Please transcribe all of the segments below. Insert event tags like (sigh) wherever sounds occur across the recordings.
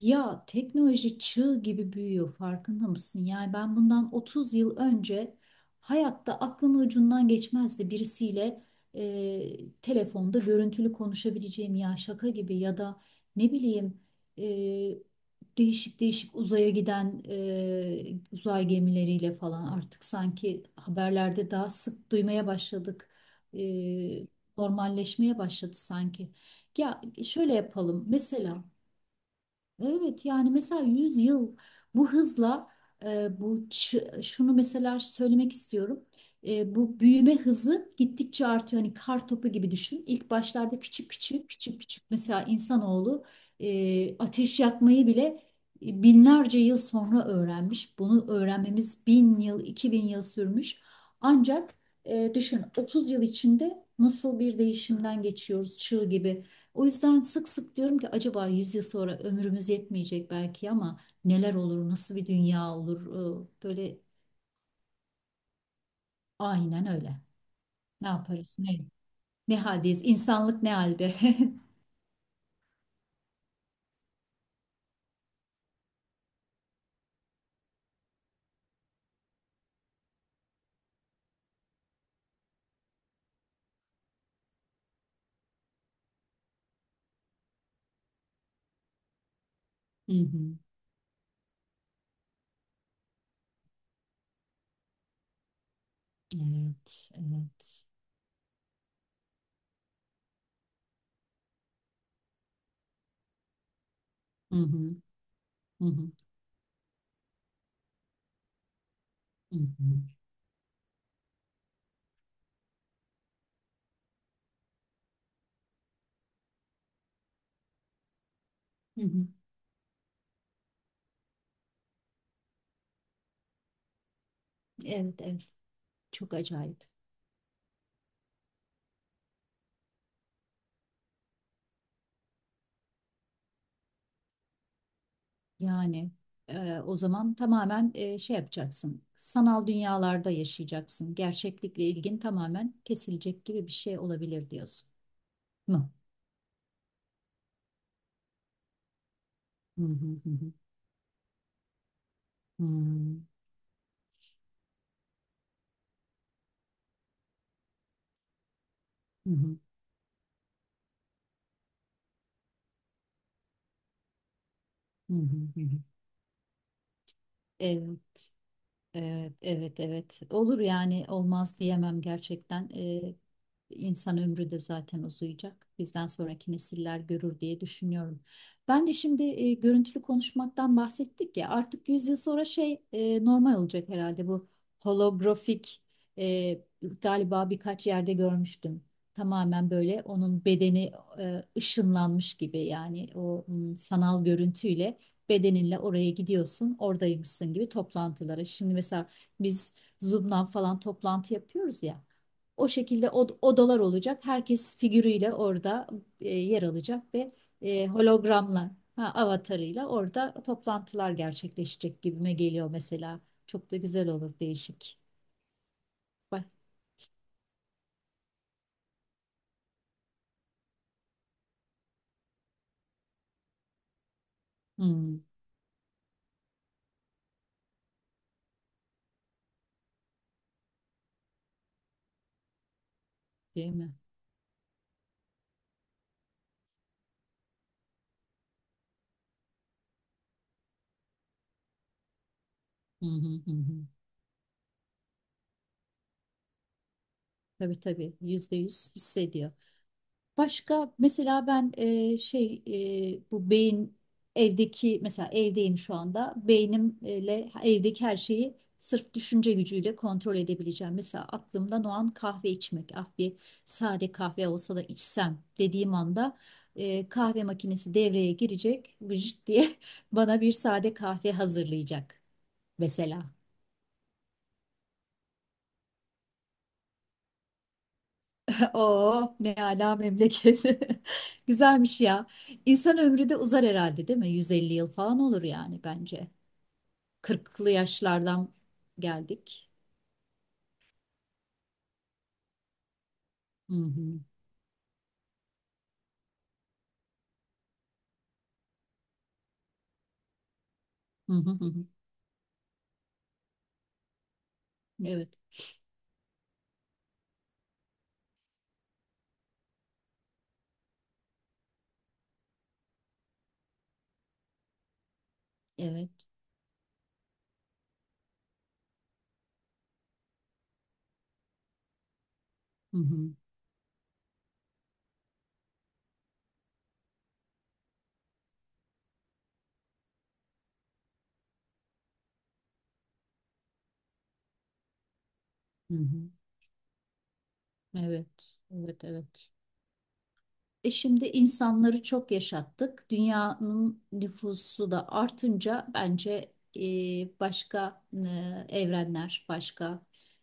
Ya teknoloji çığ gibi büyüyor farkında mısın? Yani ben bundan 30 yıl önce hayatta aklımın ucundan geçmezdi birisiyle telefonda görüntülü konuşabileceğim, ya şaka gibi ya da ne bileyim, e, değişik değişik uzaya giden uzay gemileriyle falan artık sanki haberlerde daha sık duymaya başladık. E, normalleşmeye başladı sanki. Ya şöyle yapalım mesela. Evet yani mesela 100 yıl bu hızla, şunu mesela söylemek istiyorum. Bu büyüme hızı gittikçe artıyor. Hani kar topu gibi düşün. İlk başlarda küçük küçük küçük küçük mesela insanoğlu ateş yakmayı bile binlerce yıl sonra öğrenmiş. Bunu öğrenmemiz 1.000 yıl, 2.000 yıl sürmüş. Ancak düşün, 30 yıl içinde nasıl bir değişimden geçiyoruz, çığ gibi. O yüzden sık sık diyorum ki, acaba 100 yıl sonra ömrümüz yetmeyecek belki ama neler olur, nasıl bir dünya olur? Böyle, aynen öyle. Ne yaparız, ne haldeyiz? İnsanlık ne halde? (laughs) Hı hı. Evet, evet. Hı hı, hı hı, hı hı, hı hı. Evet, evet. Çok acayip. Yani o zaman tamamen şey yapacaksın. Sanal dünyalarda yaşayacaksın. Gerçeklikle ilgin tamamen kesilecek gibi bir şey olabilir diyorsun. Mı? Hı hı hı. Hmm, Hı hı, hı hı, hı hı. Evet, evet, evet, evet. Olur yani, olmaz diyemem gerçekten. İnsan ömrü de zaten uzayacak. Bizden sonraki nesiller görür diye düşünüyorum. Ben de şimdi görüntülü konuşmaktan bahsettik ya. Artık 100 yıl sonra şey normal olacak herhalde, bu holografik, e, galiba birkaç yerde görmüştüm. Tamamen böyle onun bedeni ışınlanmış gibi, yani o sanal görüntüyle, bedeninle oraya gidiyorsun, oradaymışsın gibi, toplantılara. Şimdi mesela biz Zoom'dan falan toplantı yapıyoruz ya. O şekilde odalar olacak. Herkes figürüyle orada yer alacak, ve hologramla, ha, avatarıyla orada toplantılar gerçekleşecek gibime geliyor mesela. Çok da güzel olur, değişik. Bak. Hmm, değil mi? Hı hı hı. Hı. Tabii tabii, %100 hissediyor. Başka mesela ben, şey, bu beyin, evdeki, mesela evdeyim şu anda, beynimle evdeki her şeyi sırf düşünce gücüyle kontrol edebileceğim. Mesela aklımdan o an kahve içmek, ah bir sade kahve olsa da içsem, dediğim anda kahve makinesi devreye girecek, vıcık diye (laughs) bana bir sade kahve hazırlayacak mesela. Oo, ne ala memleket. (laughs) Güzelmiş ya. İnsan ömrü de uzar herhalde, değil mi? 150 yıl falan olur yani, bence. Kırklı yaşlardan geldik. Hı hı. Hı hı hı. Hı. Evet, evet. Hı hı. Hı hı. Evet, evet, evet. E şimdi insanları çok yaşattık. Dünyanın nüfusu da artınca bence, başka, evrenler, başka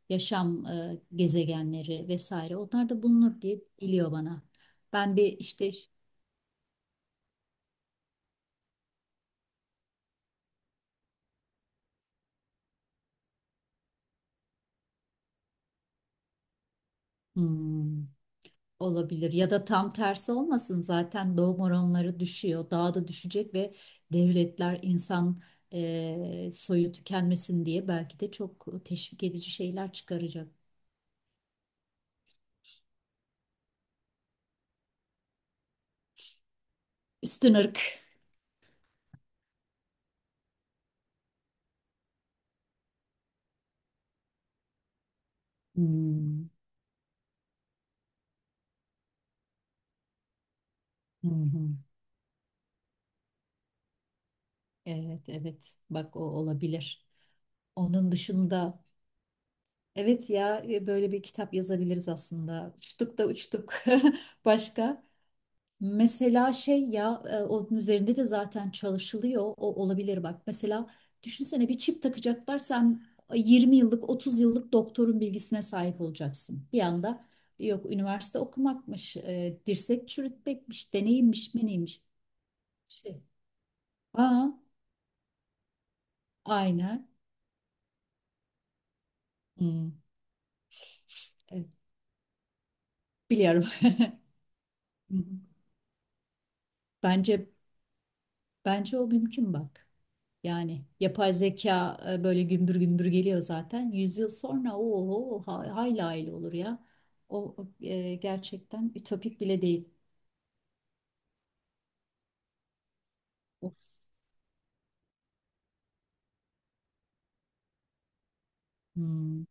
yaşam gezegenleri vesaire, onlar da bulunur diye geliyor bana. Ben bir işte, hmm, olabilir ya da tam tersi olmasın, zaten doğum oranları düşüyor. Daha da düşecek ve devletler, insan soyu tükenmesin diye belki de çok teşvik edici şeyler çıkaracak. Üstün ırk. Hmm, Hı hı. Evet, evet. Bak, o olabilir. Onun dışında, evet ya, böyle bir kitap yazabiliriz aslında. Uçtuk da uçtuk. (laughs) Başka? Mesela şey ya, onun üzerinde de zaten çalışılıyor. O olabilir bak. Mesela düşünsene, bir çip takacaklar, sen 20 yıllık, 30 yıllık doktorun bilgisine sahip olacaksın. Bir anda, yok üniversite okumakmış, dirsek çürütmekmiş, deneyimmiş, meneymiş. Şey. Aa, aynen. Hmm, evet, biliyorum. (laughs) Hı hı. Bence bence o mümkün, bak. Yani yapay zeka böyle gümbür gümbür geliyor zaten. 100 yıl sonra o, hayli hayli olur ya. Gerçekten ütopik bile değil. Of. Hmm.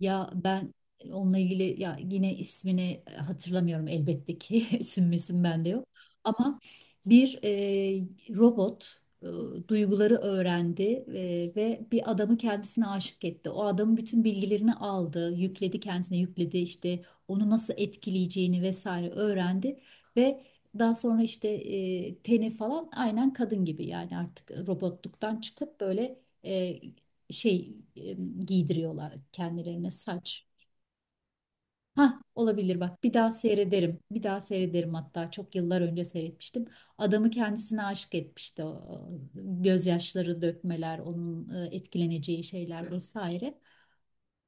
Ya ben onunla ilgili, ya yine ismini hatırlamıyorum elbette ki, (laughs) isim misim bende yok. Ama bir robot e, duyguları öğrendi ve bir adamı kendisine aşık etti. O adamın bütün bilgilerini aldı, yükledi, kendisine yükledi işte, onu nasıl etkileyeceğini vesaire öğrendi, ve daha sonra işte teni falan aynen kadın gibi, yani artık robotluktan çıkıp böyle, e, şey, giydiriyorlar kendilerine, saç. Ha olabilir bak, bir daha seyrederim. Bir daha seyrederim, hatta çok yıllar önce seyretmiştim. Adamı kendisine aşık etmişti. O, gözyaşları dökmeler, onun etkileneceği şeyler vesaire.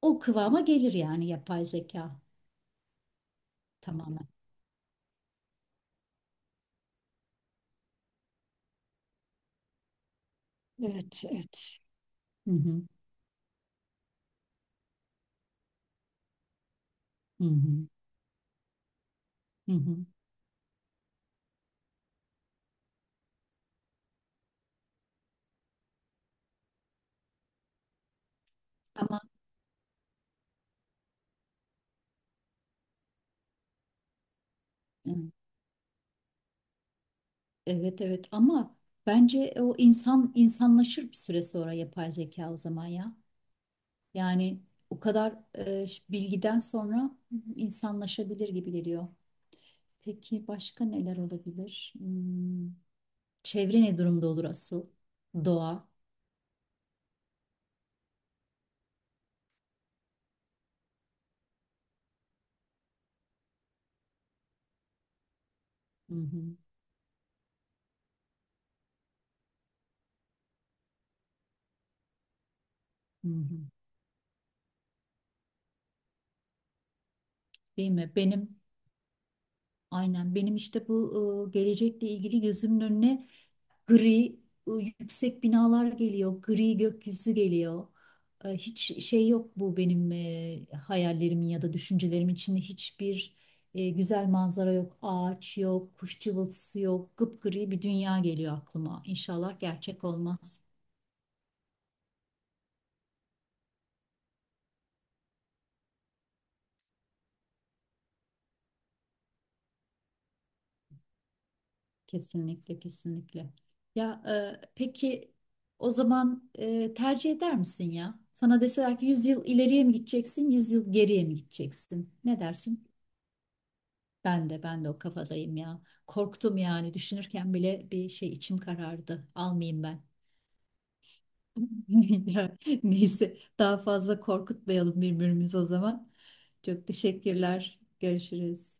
O kıvama gelir yani, yapay zeka tamamen. Evet, evet. Hı hı, hı hı, hı hı. Ama evet evet, ama bence o insan insanlaşır bir süre sonra, yapay zeka o zaman ya. Yani o kadar bilgiden sonra insanlaşabilir gibi geliyor. Peki, başka neler olabilir? Çevre ne durumda olur asıl? Doğa. Hı hı, hı hı. Değil mi? Benim, aynen benim işte bu gelecekle ilgili gözümün önüne, gri e, yüksek binalar geliyor, gri gökyüzü geliyor. Hiç şey yok, bu benim hayallerimin ya da düşüncelerimin içinde hiçbir güzel manzara yok, ağaç yok, kuş cıvıltısı yok, gıpgri bir dünya geliyor aklıma. İnşallah gerçek olmaz. Kesinlikle, kesinlikle. Ya peki o zaman, tercih eder misin ya? Sana deseler ki, 100 yıl ileriye mi gideceksin, 100 yıl geriye mi gideceksin? Ne dersin? Ben de o kafadayım ya. Korktum yani, düşünürken bile bir şey, içim karardı. Almayayım ben. (laughs) Ya neyse, daha fazla korkutmayalım birbirimizi o zaman. Çok teşekkürler. Görüşürüz.